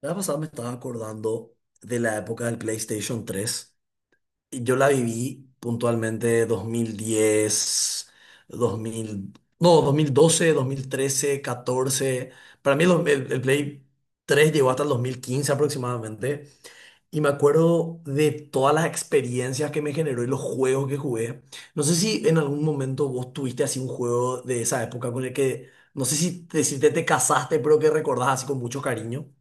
La vez pasada me estaba acordando de la época del PlayStation 3 y yo la viví puntualmente 2010, dos mil no, 2012, 2013, catorce. Para mí el Play 3 llegó hasta el 2015 aproximadamente. Y me acuerdo de todas las experiencias que me generó y los juegos que jugué. No sé si en algún momento vos tuviste así un juego de esa época con el que, no sé si te casaste, pero que recordás así con mucho cariño.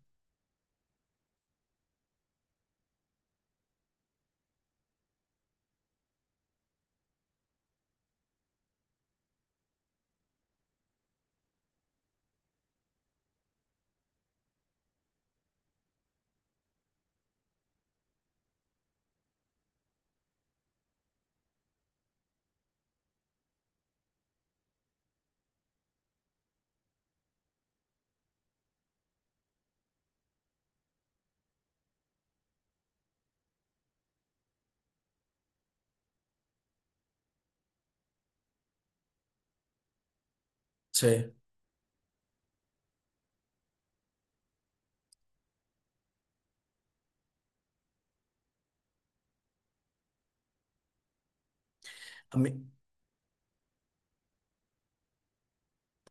Sí.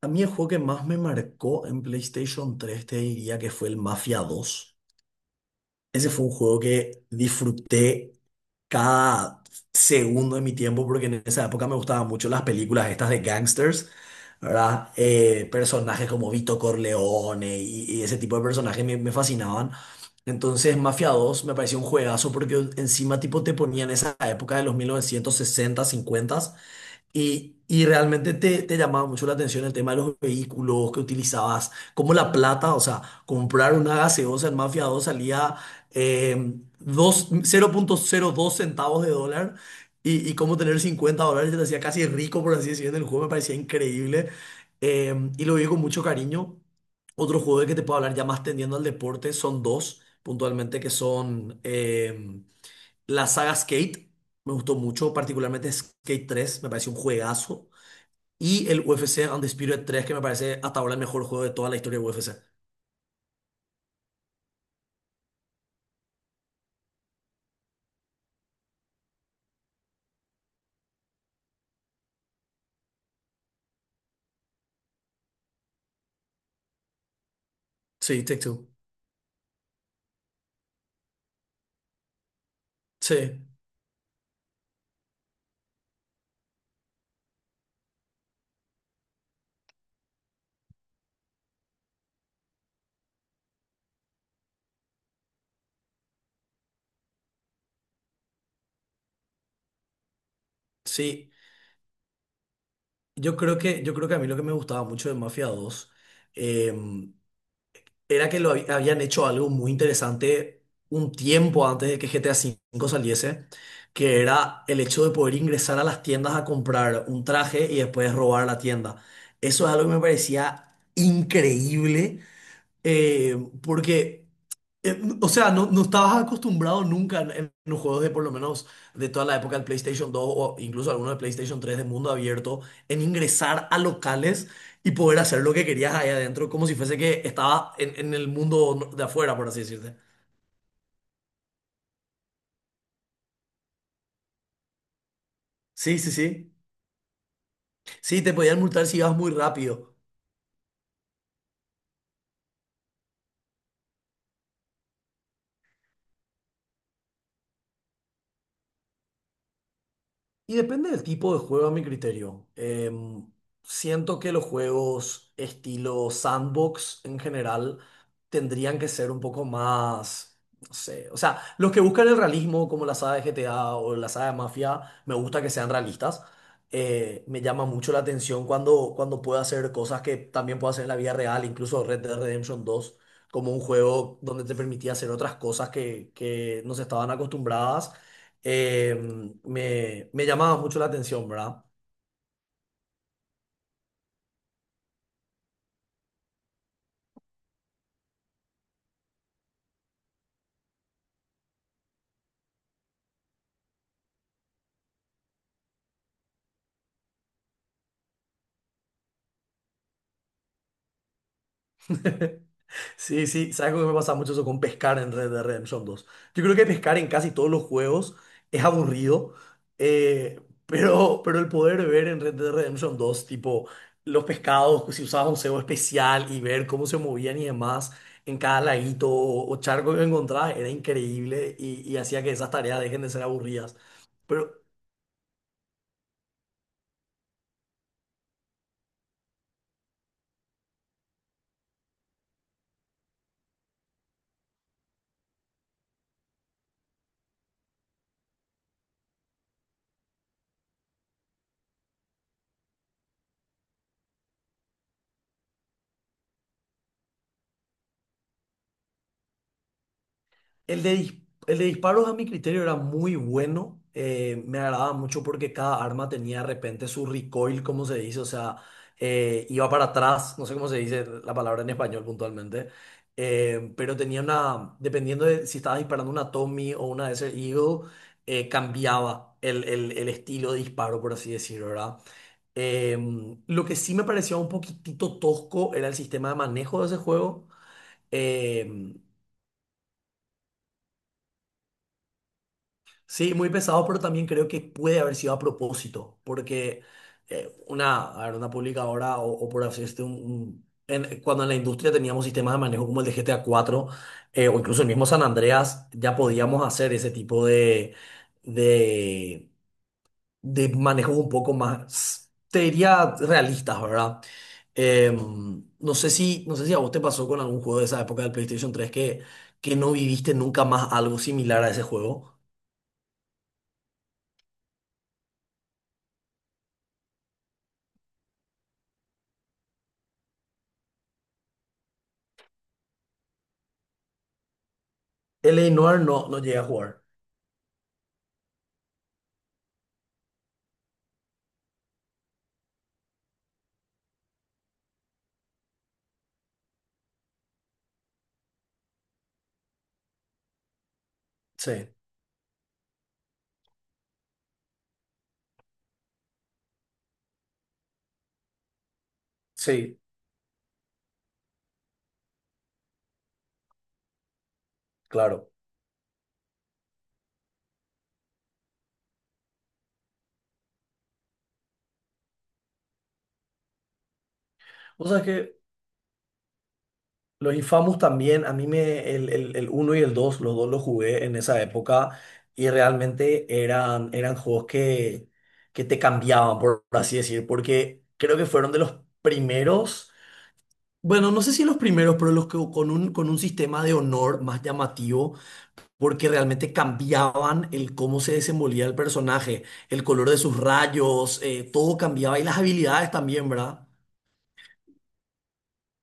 A mí el juego que más me marcó en PlayStation 3 te diría que fue el Mafia 2. Ese fue un juego que disfruté cada segundo de mi tiempo porque en esa época me gustaban mucho las películas estas de gangsters, ¿verdad? Personajes como Vito Corleone y ese tipo de personajes me fascinaban. Entonces Mafia 2 me pareció un juegazo porque encima tipo te ponían esa época de los 1960, 50, y realmente te llamaba mucho la atención el tema de los vehículos que utilizabas, como la plata, o sea, comprar una gaseosa en Mafia 2 salía eh, 0,02 centavos de dólar y cómo tener $50 te hacía casi rico, por así decirlo, en el juego me parecía increíble, y lo vi con mucho cariño. Otro juego de que te puedo hablar ya más tendiendo al deporte son dos, puntualmente, que son, la saga Skate me gustó mucho, particularmente Skate tres me pareció un juegazo. Y el UFC Undisputed tres que me parece hasta ahora el mejor juego de toda la historia de UFC. Sí, Take-Two. Sí, sí. Yo creo que a mí lo que me gustaba mucho de Mafia dos, em, era que lo habían hecho algo muy interesante un tiempo antes de que GTA V saliese, que era el hecho de poder ingresar a las tiendas a comprar un traje y después robar la tienda. Eso es algo que me parecía increíble, eh, porque, o sea, no, no estabas acostumbrado nunca en los juegos de por lo menos de toda la época del PlayStation 2 o incluso algunos de PlayStation 3 de mundo abierto, en ingresar a locales y poder hacer lo que querías ahí adentro, como si fuese que estaba en el mundo de afuera, por así decirte. Sí, sí, sí. Sí, te podían multar si ibas muy rápido. Y depende del tipo de juego a mi criterio. Siento que los juegos estilo sandbox en general tendrían que ser un poco más, no sé, o sea, los que buscan el realismo como la saga de GTA o la saga de Mafia, me gusta que sean realistas. Me llama mucho la atención cuando puedo hacer cosas que también puedo hacer en la vida real, incluso Red Dead Redemption 2, como un juego donde te permitía hacer otras cosas que no se estaban acostumbradas, eh, me llamaba mucho la atención, ¿verdad? Sí, sí, sabes algo, que me pasa mucho eso con pescar en Red Dead Redemption dos. Yo creo que pescar en casi todos los juegos es aburrido, eh, pero el poder ver en Red Dead Redemption dos tipo, los pescados, si usabas un cebo especial y ver cómo se movían y demás en cada laguito o charco que encontrabas, era increíble y hacía que esas tareas dejen de ser aburridas. Pero el de disparos a mi criterio era muy bueno. Me agradaba mucho porque cada arma tenía de repente su recoil, como se dice, o sea, iba para atrás, no sé cómo se dice la palabra en español puntualmente, pero tenía una, dependiendo de si estaba disparando una Tommy o una Desert Eagle, cambiaba el estilo de disparo, por así decirlo, ¿verdad? Lo que sí me parecía un poquitito tosco era el sistema de manejo de ese juego. Em, Sí, muy pesado, pero también creo que puede haber sido a propósito, porque una, a ver, una publicadora o por así decirlo, cuando en la industria teníamos sistemas de manejo como el de GTA cuatro, o incluso el mismo San Andreas, ya podíamos hacer ese tipo de, de manejos un poco más, te diría, realistas, ¿verdad? No sé si a vos te pasó con algún juego de esa época del PlayStation 3 que no viviste nunca más algo similar a ese juego. L L.A. Noir no, no llegué a jugar. Sí, sí, claro. O sea que los Infamous también, a mí me, el uno y el dos los jugué en esa época y realmente eran juegos que te cambiaban, por así decir, porque creo que fueron de los primeros, bueno, no sé si los primeros, pero los que con un sistema de honor más llamativo porque realmente cambiaban el cómo se desenvolvía el personaje, el color de sus rayos, todo cambiaba y las habilidades también, ¿verdad?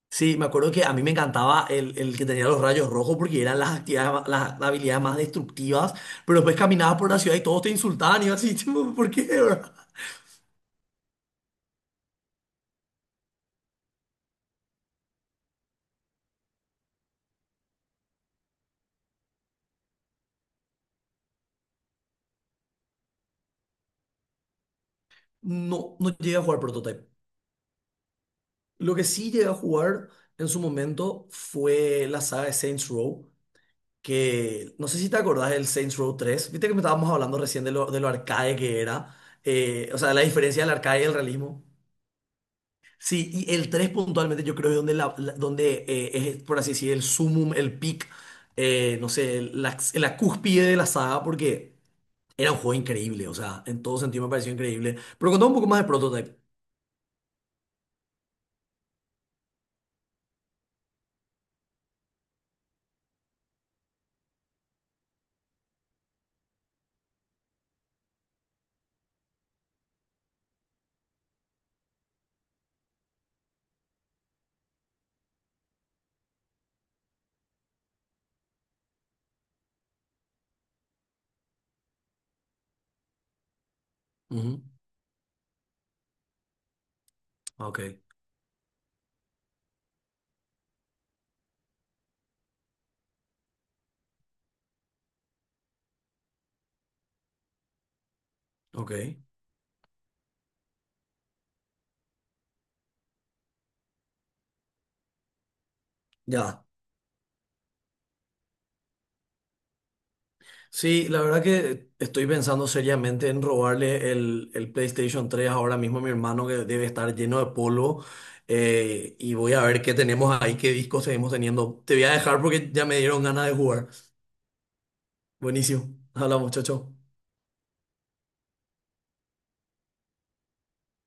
Sí, me acuerdo que a mí me encantaba el que tenía los rayos rojos porque eran las actividades, ma- las habilidades más destructivas, pero después caminabas por la ciudad y todos te insultaban y yo así, tipo, ¿por qué, verdad? No, no llegué a jugar Prototype. Lo que sí llegué a jugar en su momento fue la saga de Saints Row, que no sé si te acordás del Saints Row tres, viste que me estábamos hablando recién de lo arcade que era, o sea, la diferencia del arcade y el realismo. Sí, y el 3 puntualmente yo creo es donde, donde es, por así decir, el sumum, el peak, no sé, la cúspide de la saga, porque era un juego increíble, o sea, en todo sentido me pareció increíble. Pero contame un poco más de Prototype. Ujú. Ok, ok, ya. Sí, la verdad que estoy pensando seriamente en robarle el PlayStation 3 ahora mismo a mi hermano que debe estar lleno de polvo, y voy a ver qué tenemos ahí, qué discos seguimos teniendo. Te voy a dejar porque ya me dieron ganas de jugar. Buenísimo. Hola muchacho.